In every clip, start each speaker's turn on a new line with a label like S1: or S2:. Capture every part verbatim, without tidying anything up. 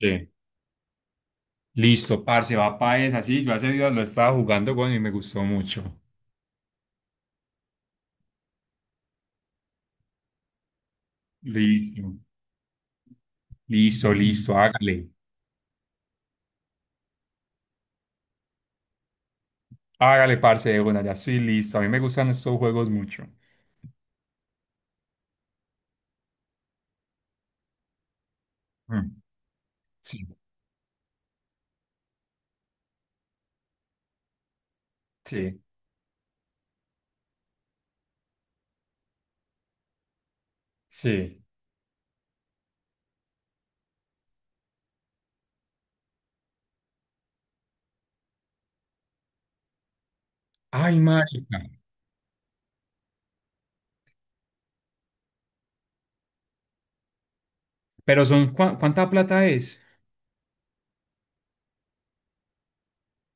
S1: Sí. Listo, parce, va para esa. Sí, yo hace días lo estaba jugando, weón, y me gustó mucho. Listo, listo, listo, hágale. Hágale, parce, de una, ya estoy listo. A mí me gustan estos juegos mucho. Mm. Sí, sí, sí. Ay, marica. Pero son, ¿cuá- ¿cuánta plata es?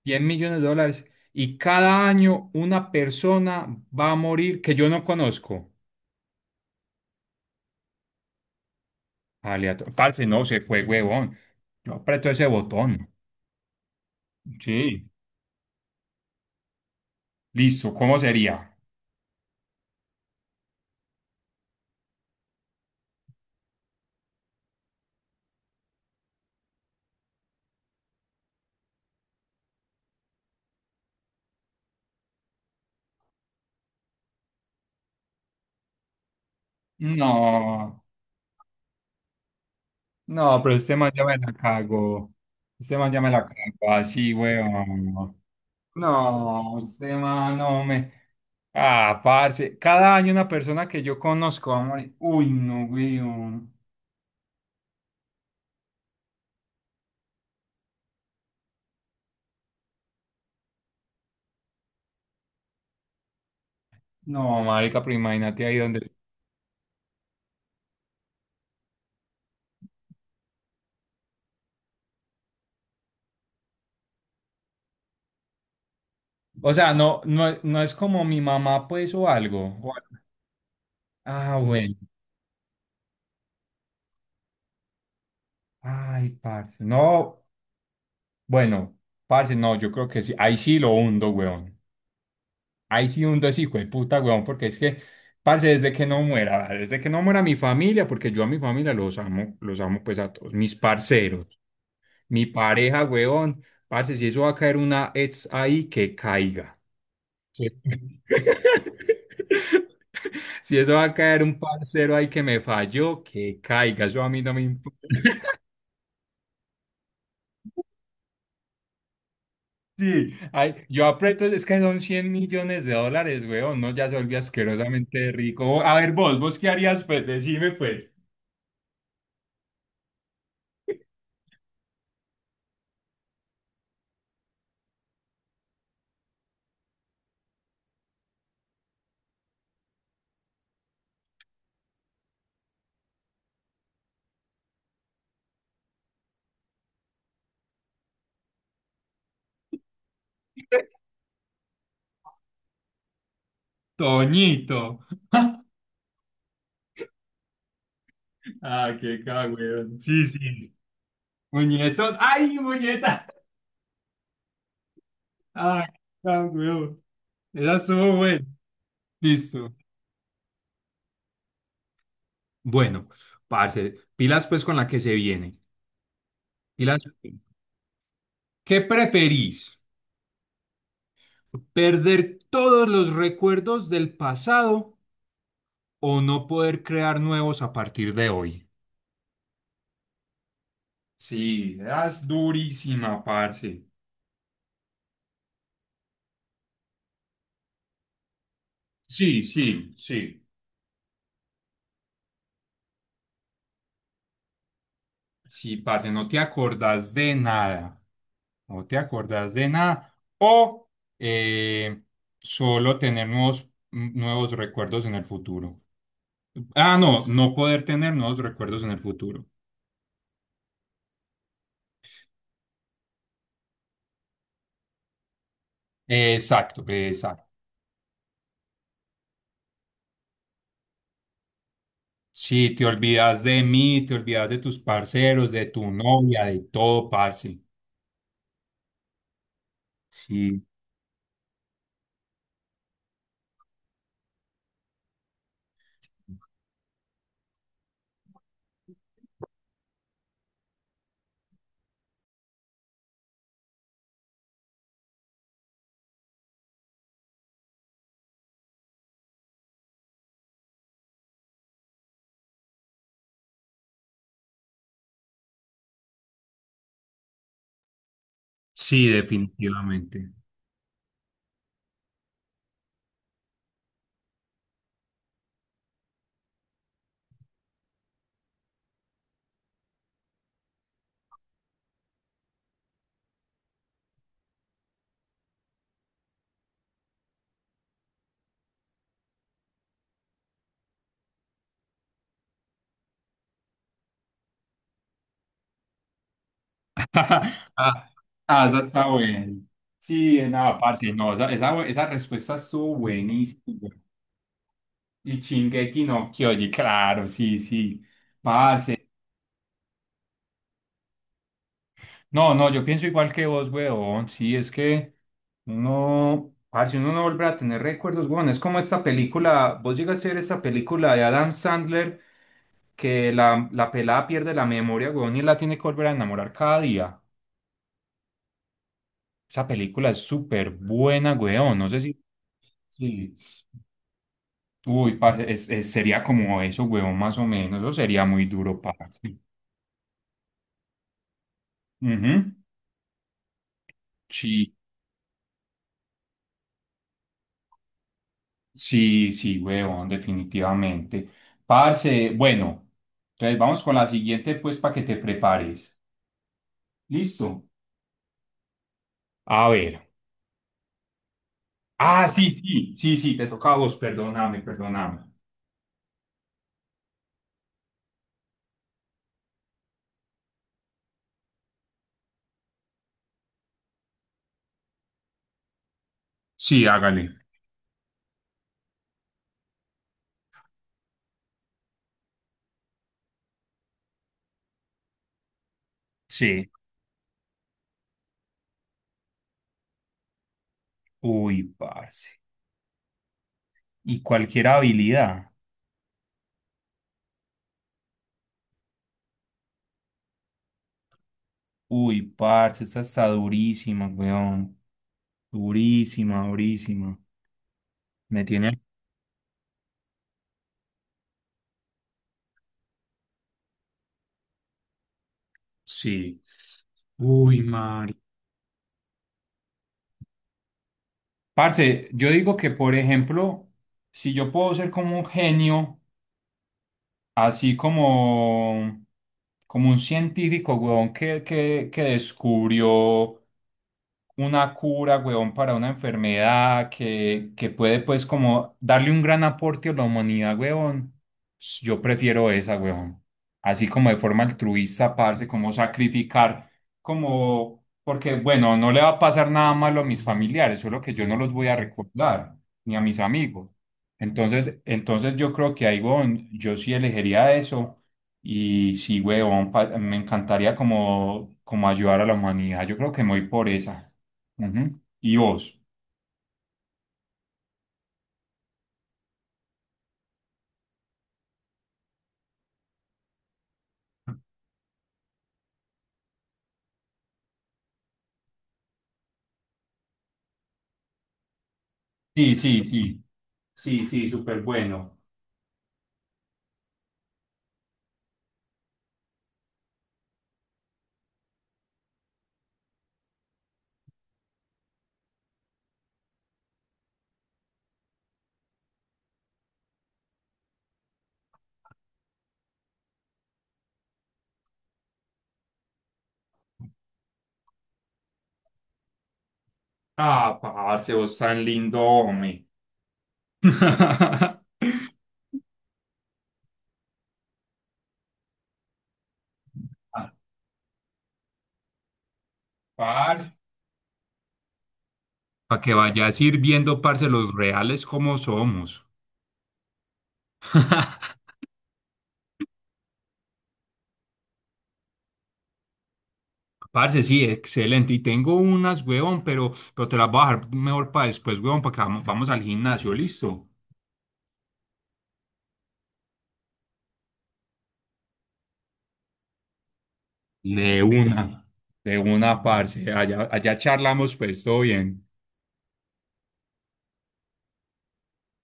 S1: diez millones de dólares millones de dólares. Y cada año una persona va a morir que yo no conozco. Aleato- Parce, no se fue, huevón. Yo aprieto ese botón. Sí. Listo, ¿cómo sería? No, no, pero este man ya me la cago. Este man ya me la cago así, weón. No, este man no me. Ah, parce. Cada año una persona que yo conozco va a morir. Uy, no, weón. No, marica, pero imagínate ahí donde. O sea, no, no, no es como mi mamá, pues, o algo. o algo. Ah, bueno. Ay, parce. No, bueno, parce, no, yo creo que sí. Ahí sí lo hundo, weón. Ahí sí hundo a ese hijo de puta, weón, porque es que, parce, desde que no muera, vale, desde que no muera mi familia, porque yo a mi familia los amo, los amo pues a todos, mis parceros, mi pareja, weón, parce, si eso va a caer una ex ahí, que caiga. Sí. Si eso va a caer un parcero ahí que me falló, que caiga, eso a mí no me importa. Sí, ay, yo aprieto, es que son cien millones de dólares, weón, no, ya se volvió asquerosamente rico. A ver, vos, vos qué harías, pues, decime, pues. Toñito. Ah, qué cagüeón. Sí, sí. Muñeto. ¡Ay, muñeca! Ah, cagüeón. Esa estuvo buena. Listo. Bueno, parce, pilas pues con la que se viene. Pilas. ¿Qué preferís? ¿Perder todos los recuerdos del pasado o no poder crear nuevos a partir de hoy? Sí, es durísima, parce. Sí, sí, sí. Sí, parce, no te acordás de nada. No te acordás de nada. O eh, solo tener nuevos, mm, nuevos recuerdos en el futuro. Ah, no, no poder tener nuevos recuerdos en el futuro. Exacto, exacto. Si te olvidas de mí, te olvidas de tus parceros, de tu novia, de todo, parce. Sí, sí, definitivamente. Ah, ah, esa está buena. Sí, nada, parce. No, esa, esa, esa respuesta estuvo buenísima. Y Shingeki no Kyoji, claro, sí, sí. Parce. No, no, yo pienso igual que vos, weón. Sí, es que uno, parce, uno no vuelve a tener recuerdos, weón. Es como esta película, vos llegas a ver esta película de Adam Sandler que la, la pelada pierde la memoria, weón, y la tiene que volver a enamorar cada día. Esa película es súper buena, weón. No sé si... Sí. Uy, parce, es, es- sería como eso, weón, más o menos. Eso sería muy duro, parce. Ujú. Sí. Sí, sí, huevón, definitivamente. Parce, bueno, entonces vamos con la siguiente, pues, para que te prepares. ¿Listo? A ver. Ah, sí, sí, sí, sí, te toca a vos, perdóname, perdóname. Sí, hágale. Sí. Uy, parce. Y cualquier habilidad. Uy, parce, esta está durísima, weón. Durísima, durísima. Me tiene. Sí. Uy, parce, yo digo que, por ejemplo, si yo puedo ser como un genio, así como, como un científico, weón, que, que, que descubrió una cura, huevón, para una enfermedad que, que puede, pues, como darle un gran aporte a la humanidad, huevón, s- yo prefiero esa, huevón. Así como de forma altruista, parce, como sacrificar, como, porque, bueno, no le va a pasar nada malo a mis familiares, solo que yo no los voy a recordar, ni a mis amigos. Entonces, entonces yo creo que ahí, huevón, yo sí elegiría eso. Y sí, huevón, pa- me encantaría como, como ayudar a la humanidad. Yo creo que me voy por esa. Ujú. ¿Y vos? Sí, sí, sí. Sí, sí, súper bueno. Ah, parce, vos tan lindo, hombre. Ah, parce. Para que vayas ir viendo, parce, los reales como somos. Parce, sí, excelente. Y tengo unas, huevón, pero, pero te las voy a dejar mejor para después, huevón, para que vamos, vamos al gimnasio, ¿listo? De una. De una, parce. Allá, allá charlamos, pues, todo bien.